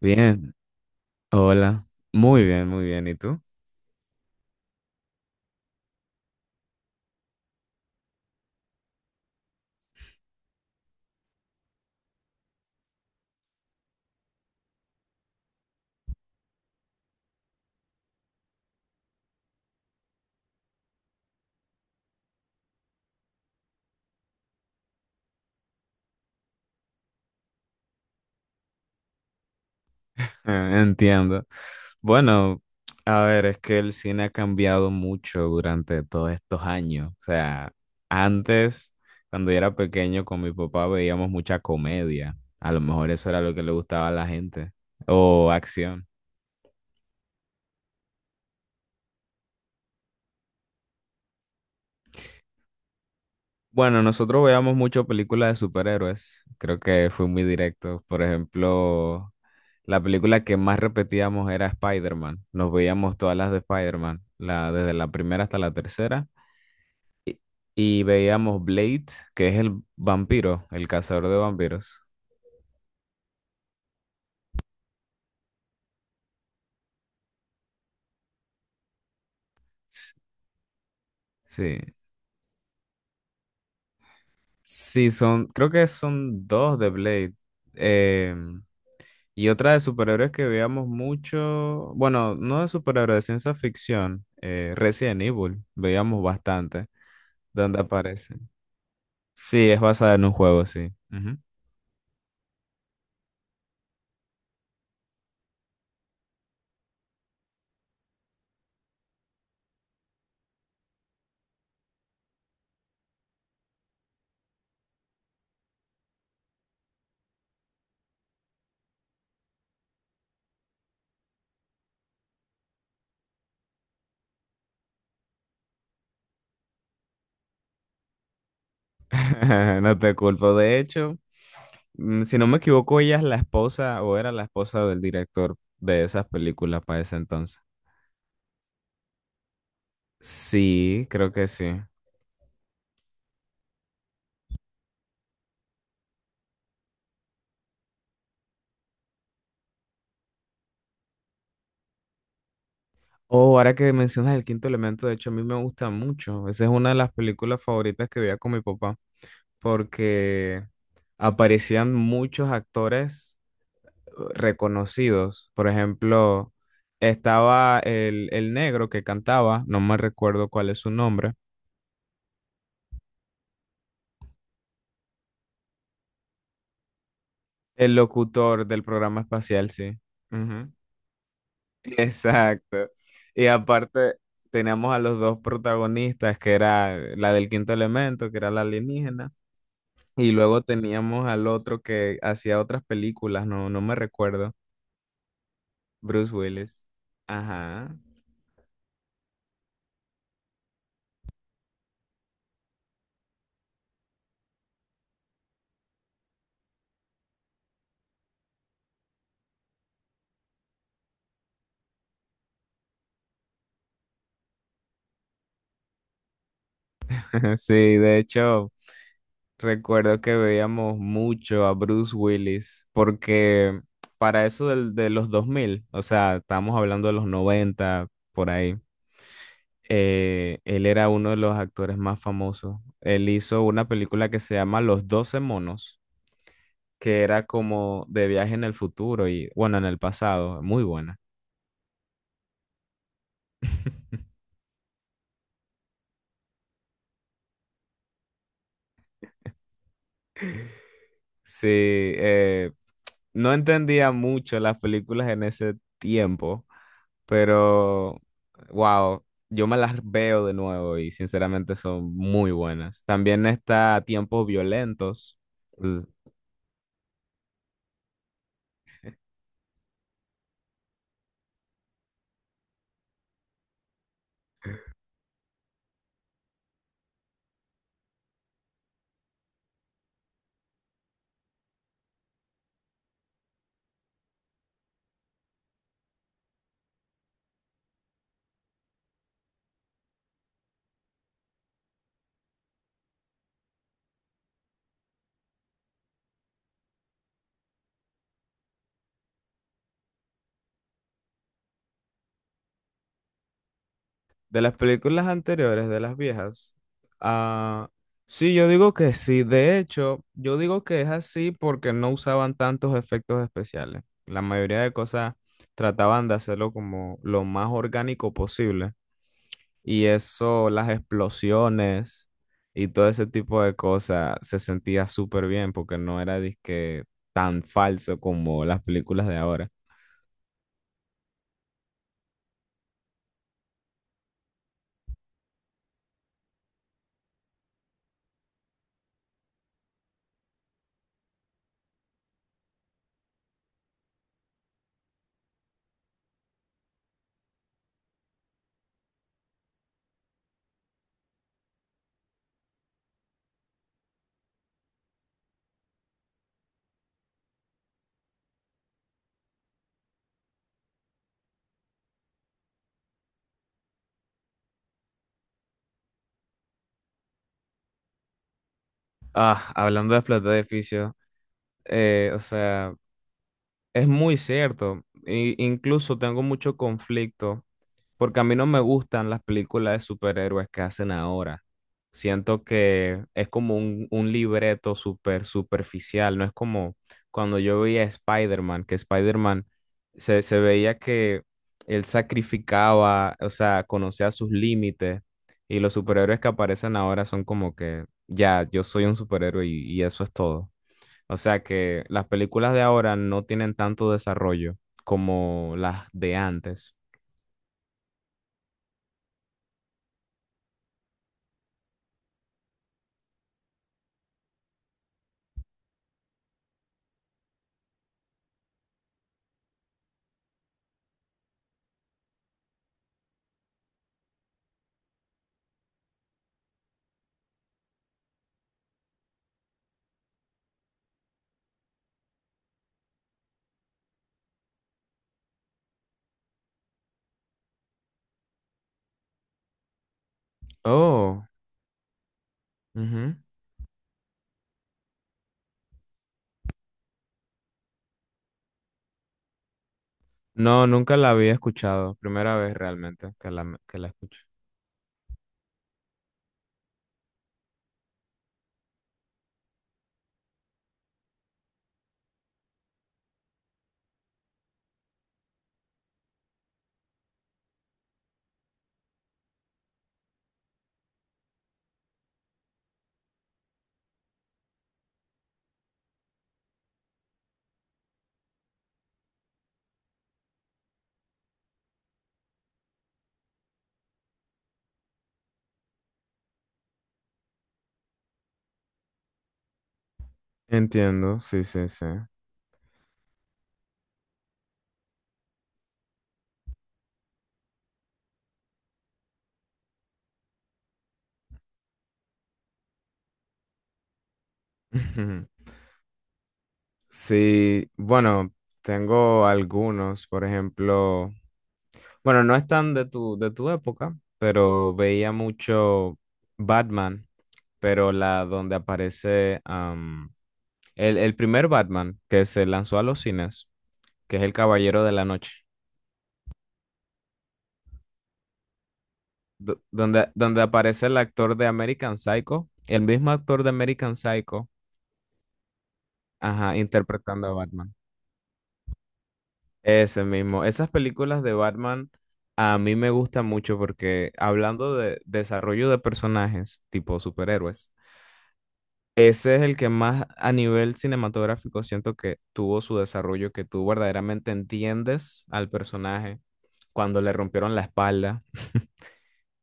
Bien, hola, muy bien, ¿y tú? Entiendo. Bueno, a ver, es que el cine ha cambiado mucho durante todos estos años. O sea, antes, cuando yo era pequeño con mi papá veíamos mucha comedia. A lo mejor eso era lo que le gustaba a la gente, o acción. Bueno, nosotros veíamos mucho películas de superhéroes. Creo que fui muy directo. Por ejemplo, la película que más repetíamos era Spider-Man. Nos veíamos todas las de Spider-Man, desde la primera hasta la tercera. Y, y veíamos Blade, que es el vampiro, el cazador de vampiros. S- Sí, sí, son, creo que son dos de Blade. Eh, y otra de superhéroes que veíamos mucho, bueno, no de superhéroes, de ciencia ficción, Resident Evil, veíamos bastante, donde aparece. Sí, es basada en un juego, sí. Ujú. No te culpo. De hecho, si no me equivoco, ella es la esposa o era la esposa del director de esas películas para ese entonces. Sí, creo que sí. Oh, ahora que mencionas el quinto elemento, de hecho, a mí me gusta mucho. Esa es una de las películas favoritas que veía con mi papá, porque aparecían muchos actores reconocidos. Por ejemplo, estaba el negro que cantaba, no me recuerdo cuál es su nombre. El locutor del programa espacial, sí. Ujú. Exacto. Y aparte teníamos a los dos protagonistas, que era la del quinto elemento, que era la alienígena, y luego teníamos al otro que hacía otras películas, no, no me recuerdo, Bruce Willis. Ajá. Sí, de hecho, recuerdo que veíamos mucho a Bruce Willis porque para eso de los 2000, o sea, estamos hablando de los 90 por ahí, él era uno de los actores más famosos. Él hizo una película que se llama Los doce monos, que era como de viaje en el futuro y bueno, en el pasado, muy buena. Sí, no entendía mucho las películas en ese tiempo, pero wow, yo me las veo de nuevo y sinceramente son muy buenas. También está Tiempos Violentos. Mm. De las películas anteriores, de las viejas, ah, sí, yo digo que sí. De hecho, yo digo que es así porque no usaban tantos efectos especiales. La mayoría de cosas trataban de hacerlo como lo más orgánico posible. Y eso, las explosiones y todo ese tipo de cosas, se sentía súper bien porque no era disque tan falso como las películas de ahora. Ah, hablando de Flat de edificio, o sea... Es muy cierto. Incluso tengo mucho conflicto porque a mí no me gustan las películas de superhéroes que hacen ahora. Siento que es como un libreto súper superficial. No es como cuando yo veía a Spider-Man, que Spider-Man se veía que él sacrificaba, o sea, conocía sus límites. Y los superhéroes que aparecen ahora son como que ya, yo soy un superhéroe y eso es todo. O sea que las películas de ahora no tienen tanto desarrollo como las de antes. Oh, ujú. No, nunca la había escuchado. Primera vez realmente que la escucho. Entiendo, sí, sí, sí. Sí, bueno, tengo algunos, por ejemplo, bueno, no están de tu época, pero veía mucho Batman, pero la donde aparece el primer Batman que se lanzó a los cines, que es El Caballero de la Noche, donde aparece el actor de American Psycho, el mismo actor de American Psycho, ajá, interpretando a Batman. Ese mismo. Esas películas de Batman a mí me gustan mucho porque hablando de desarrollo de personajes tipo superhéroes, ese es el que más a nivel cinematográfico siento que tuvo su desarrollo, que tú verdaderamente entiendes al personaje cuando le rompieron la espalda.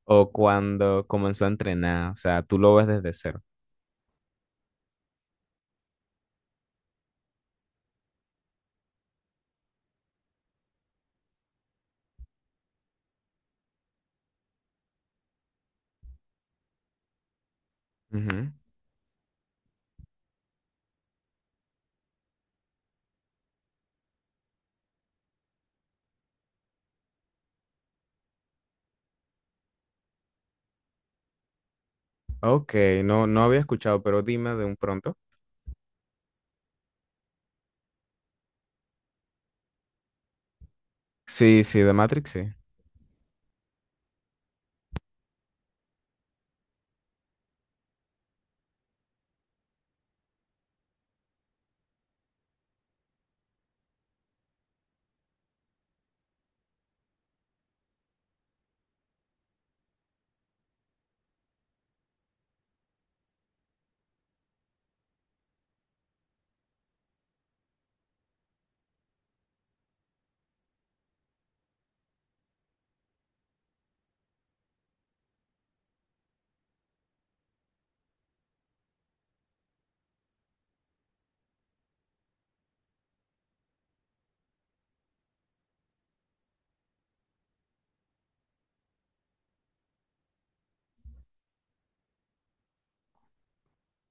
O cuando comenzó a entrenar, o sea, tú lo ves desde cero. Ujú. Ok, no, no había escuchado, pero dime de un pronto. Sí, sí, de Matrix, sí.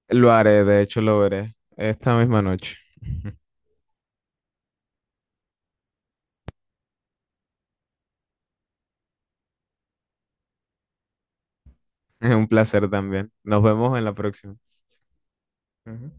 Lo haré, de hecho lo veré esta misma noche. Es un placer también. Nos vemos en la próxima. Ujú.